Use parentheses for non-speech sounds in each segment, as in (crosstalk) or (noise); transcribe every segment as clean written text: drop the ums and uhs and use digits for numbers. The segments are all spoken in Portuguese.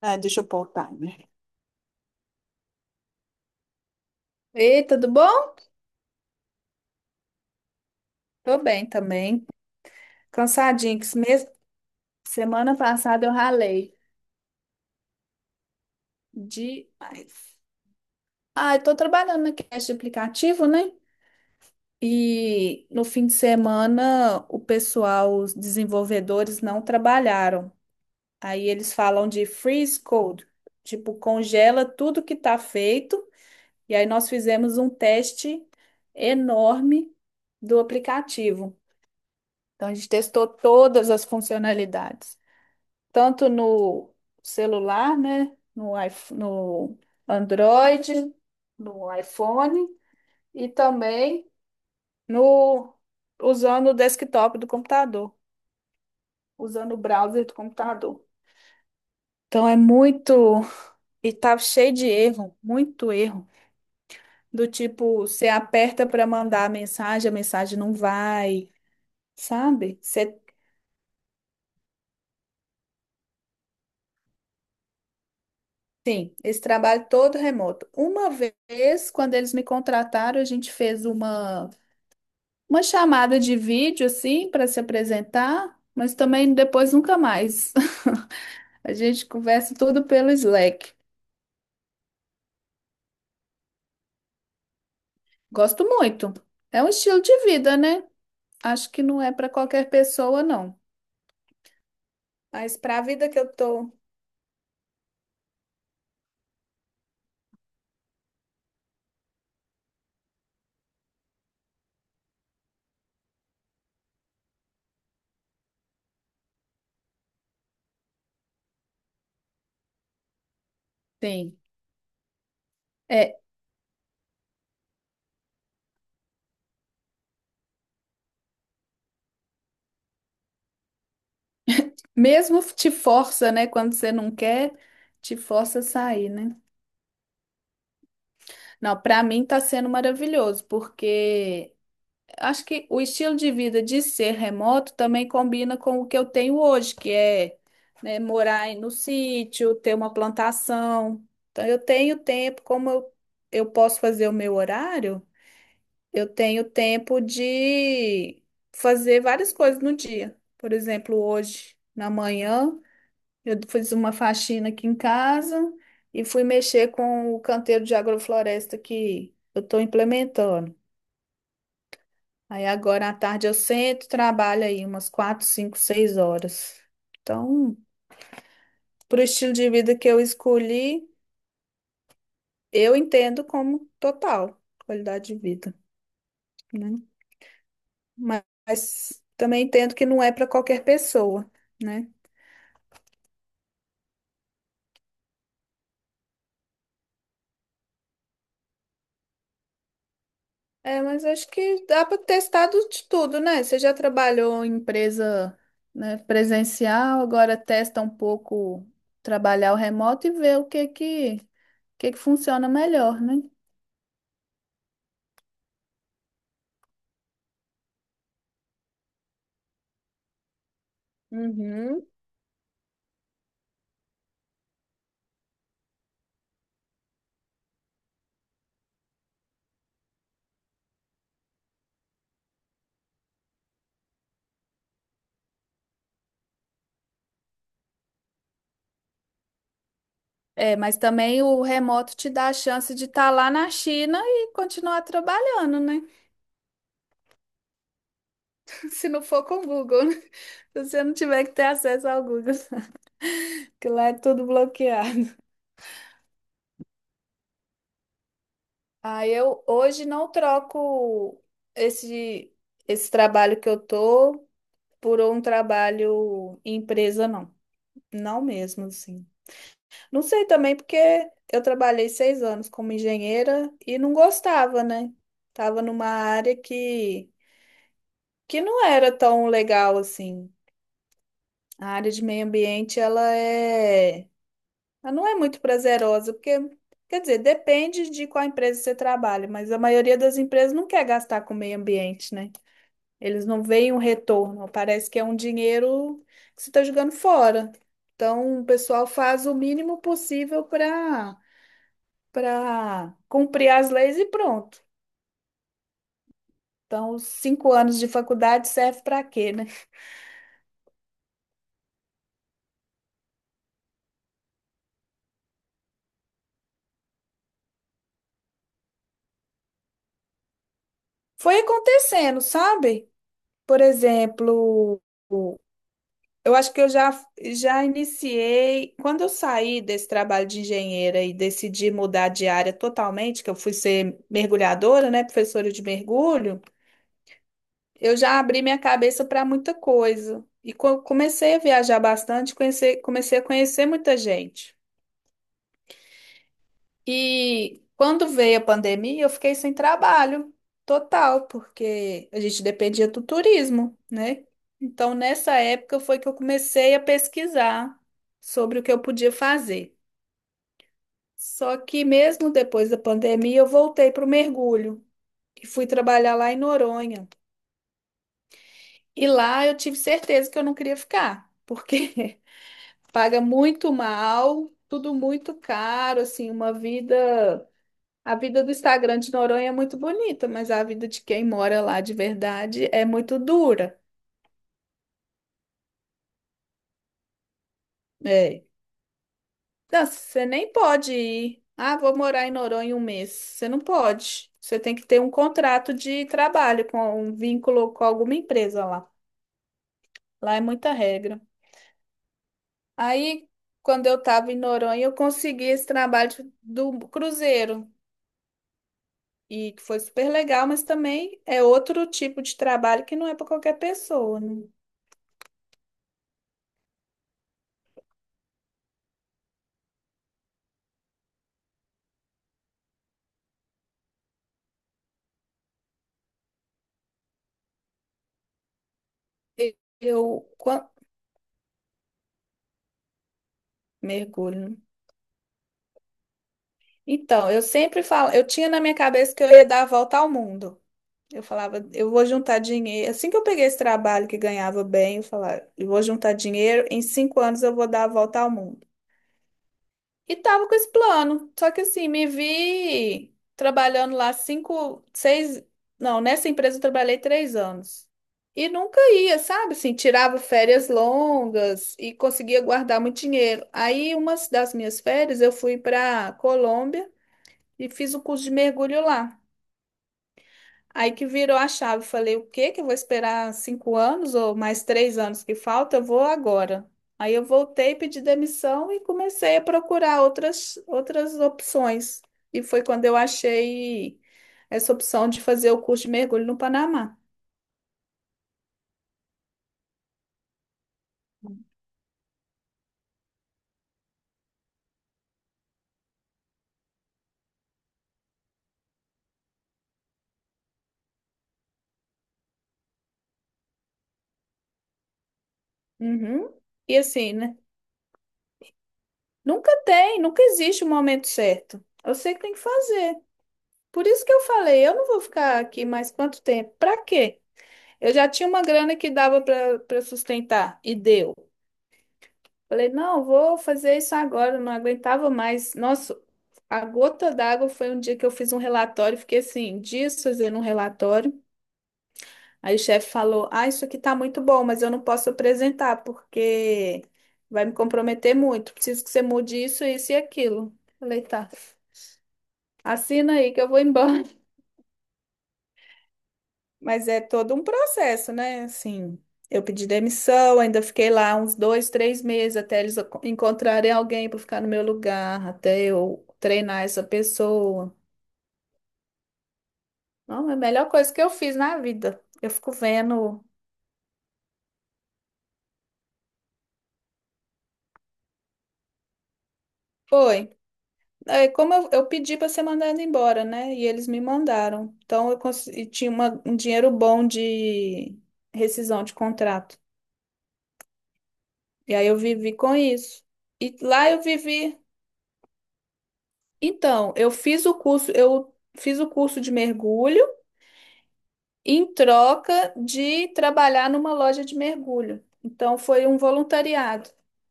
Ah, deixa eu pôr o timer. Ei, tudo bom? Tô bem também. Cansadinho, que esse mês, semana passada eu ralei demais. Ah, eu tô trabalhando na creche de aplicativo, né? E no fim de semana o pessoal, os desenvolvedores não trabalharam. Aí eles falam de freeze code, tipo, congela tudo que tá feito. E aí nós fizemos um teste enorme do aplicativo. Então, a gente testou todas as funcionalidades, tanto no celular, né, no Android, no iPhone e também no usando o desktop do computador, usando o browser do computador. Então é muito e tá cheio de erro, muito erro, do tipo você aperta para mandar a mensagem não vai, sabe? Você Sim, esse trabalho todo remoto. Uma vez, quando eles me contrataram, a gente fez uma chamada de vídeo, assim, para se apresentar, mas também depois nunca mais. (laughs) A gente conversa tudo pelo Slack. Gosto muito. É um estilo de vida, né? Acho que não é para qualquer pessoa, não. Mas para a vida que eu tô. Sim. É, mesmo te força, né? Quando você não quer, te força a sair, né? Não, para mim tá sendo maravilhoso, porque. Acho que o estilo de vida de ser remoto também combina com o que eu tenho hoje, que é, né, morar no sítio, ter uma plantação. Então, eu tenho tempo, como eu posso fazer o meu horário, eu tenho tempo de fazer várias coisas no dia. Por exemplo, hoje, na manhã, eu fiz uma faxina aqui em casa e fui mexer com o canteiro de agrofloresta que eu estou implementando. Aí agora à tarde eu sento, trabalho aí umas 4, 5, 6 horas. Então, pro estilo de vida que eu escolhi, eu entendo como total qualidade de vida, né? Mas também entendo que não é para qualquer pessoa, né? É, mas acho que dá para testar de tudo, né? Você já trabalhou em empresa, né, presencial, agora testa um pouco trabalhar o remoto e ver o que que funciona melhor, né? Uhum. É, mas também o remoto te dá a chance de estar lá na China e continuar trabalhando, né? (laughs) Se não for com o Google, né? Se você não tiver que ter acesso ao Google, (laughs) que lá é tudo bloqueado. Ah, eu hoje não troco esse, esse trabalho que eu tô por um trabalho em empresa, não. Não mesmo, assim. Não sei também porque eu trabalhei 6 anos como engenheira e não gostava, né? Tava numa área que não era tão legal assim. A área de meio ambiente, ela não é muito prazerosa, porque, quer dizer, depende de qual empresa você trabalha, mas a maioria das empresas não quer gastar com o meio ambiente, né? Eles não veem um retorno, parece que é um dinheiro que você está jogando fora. Então, o pessoal faz o mínimo possível para cumprir as leis e pronto. Então, os 5 anos de faculdade serve para quê, né? Foi acontecendo, sabe? Por exemplo, eu acho que eu já iniciei. Quando eu saí desse trabalho de engenheira e decidi mudar de área totalmente, que eu fui ser mergulhadora, né, professora de mergulho, eu já abri minha cabeça para muita coisa. E comecei a viajar bastante, comecei a conhecer muita gente. E quando veio a pandemia, eu fiquei sem trabalho total, porque a gente dependia do turismo, né? Então, nessa época foi que eu comecei a pesquisar sobre o que eu podia fazer. Só que mesmo depois da pandemia, eu voltei para o mergulho e fui trabalhar lá em Noronha. E lá eu tive certeza que eu não queria ficar, porque (laughs) paga muito mal, tudo muito caro, assim, uma vida A vida do Instagram de Noronha é muito bonita, mas a vida de quem mora lá de verdade é muito dura. É. Não, você nem pode ir. Ah, vou morar em Noronha um mês. Você não pode. Você tem que ter um contrato de trabalho, com um vínculo com alguma empresa lá. Lá é muita regra. Aí, quando eu estava em Noronha, eu consegui esse trabalho do cruzeiro. E que foi super legal, mas também é outro tipo de trabalho que não é para qualquer pessoa, né? E- Eu, quan- Mergulho. Então, eu sempre falo, eu tinha na minha cabeça que eu ia dar a volta ao mundo. Eu falava, eu vou juntar dinheiro. Assim que eu peguei esse trabalho que ganhava bem, eu falava, eu vou juntar dinheiro, em 5 anos eu vou dar a volta ao mundo. E tava com esse plano. Só que assim, me vi trabalhando lá cinco, seis. Não, nessa empresa eu trabalhei 3 anos. E nunca ia, sabe? Assim, tirava férias longas e conseguia guardar muito dinheiro. Aí, uma das minhas férias, eu fui para Colômbia. E fiz o curso de mergulho lá. Aí que virou a chave. Falei, o quê? Que eu vou esperar 5 anos ou mais 3 anos que falta? Eu vou agora. Aí eu voltei, pedi demissão e comecei a procurar outras opções. E foi quando eu achei essa opção de fazer o curso de mergulho no Panamá. Uhum. E assim, né? Nunca tem, nunca existe um momento certo. Eu sei que tem que fazer. Por isso que eu falei, eu não vou ficar aqui mais quanto tempo? Pra quê? Eu já tinha uma grana que dava para sustentar e deu. Falei, não, vou fazer isso agora, não aguentava mais. Nossa, a gota d'água foi um dia que eu fiz um relatório, fiquei assim, dias fazendo um relatório. Aí o chefe falou: Ah, isso aqui tá muito bom, mas eu não posso apresentar porque vai me comprometer muito. Preciso que você mude isso, isso e aquilo. Falei, tá, assina aí que eu vou embora. Mas é todo um processo, né? Assim, eu pedi demissão, ainda fiquei lá uns 2, 3 meses até eles encontrarem alguém para ficar no meu lugar, até eu treinar essa pessoa. Não, é a melhor coisa que eu fiz na vida. Eu fico vendo. Foi. É, como eu pedi para ser mandada embora, né? E eles me mandaram. Então eu e tinha um dinheiro bom de rescisão de contrato. E aí eu vivi com isso. E lá eu vivi. Então, eu fiz o curso, eu fiz o curso de mergulho em troca de trabalhar numa loja de mergulho. Então, foi um voluntariado.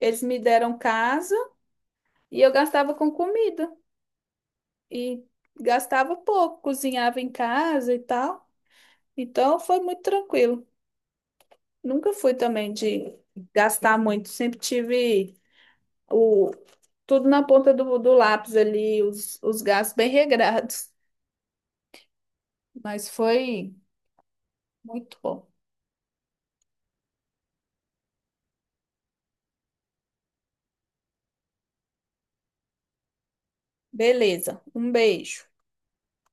Eles me deram casa e eu gastava com comida. E gastava pouco, cozinhava em casa e tal. Então, foi muito tranquilo. Nunca fui também de gastar muito. Sempre tive o, tudo na ponta do lápis ali, os gastos bem regrados. Mas foi muito bom. Beleza. Um beijo.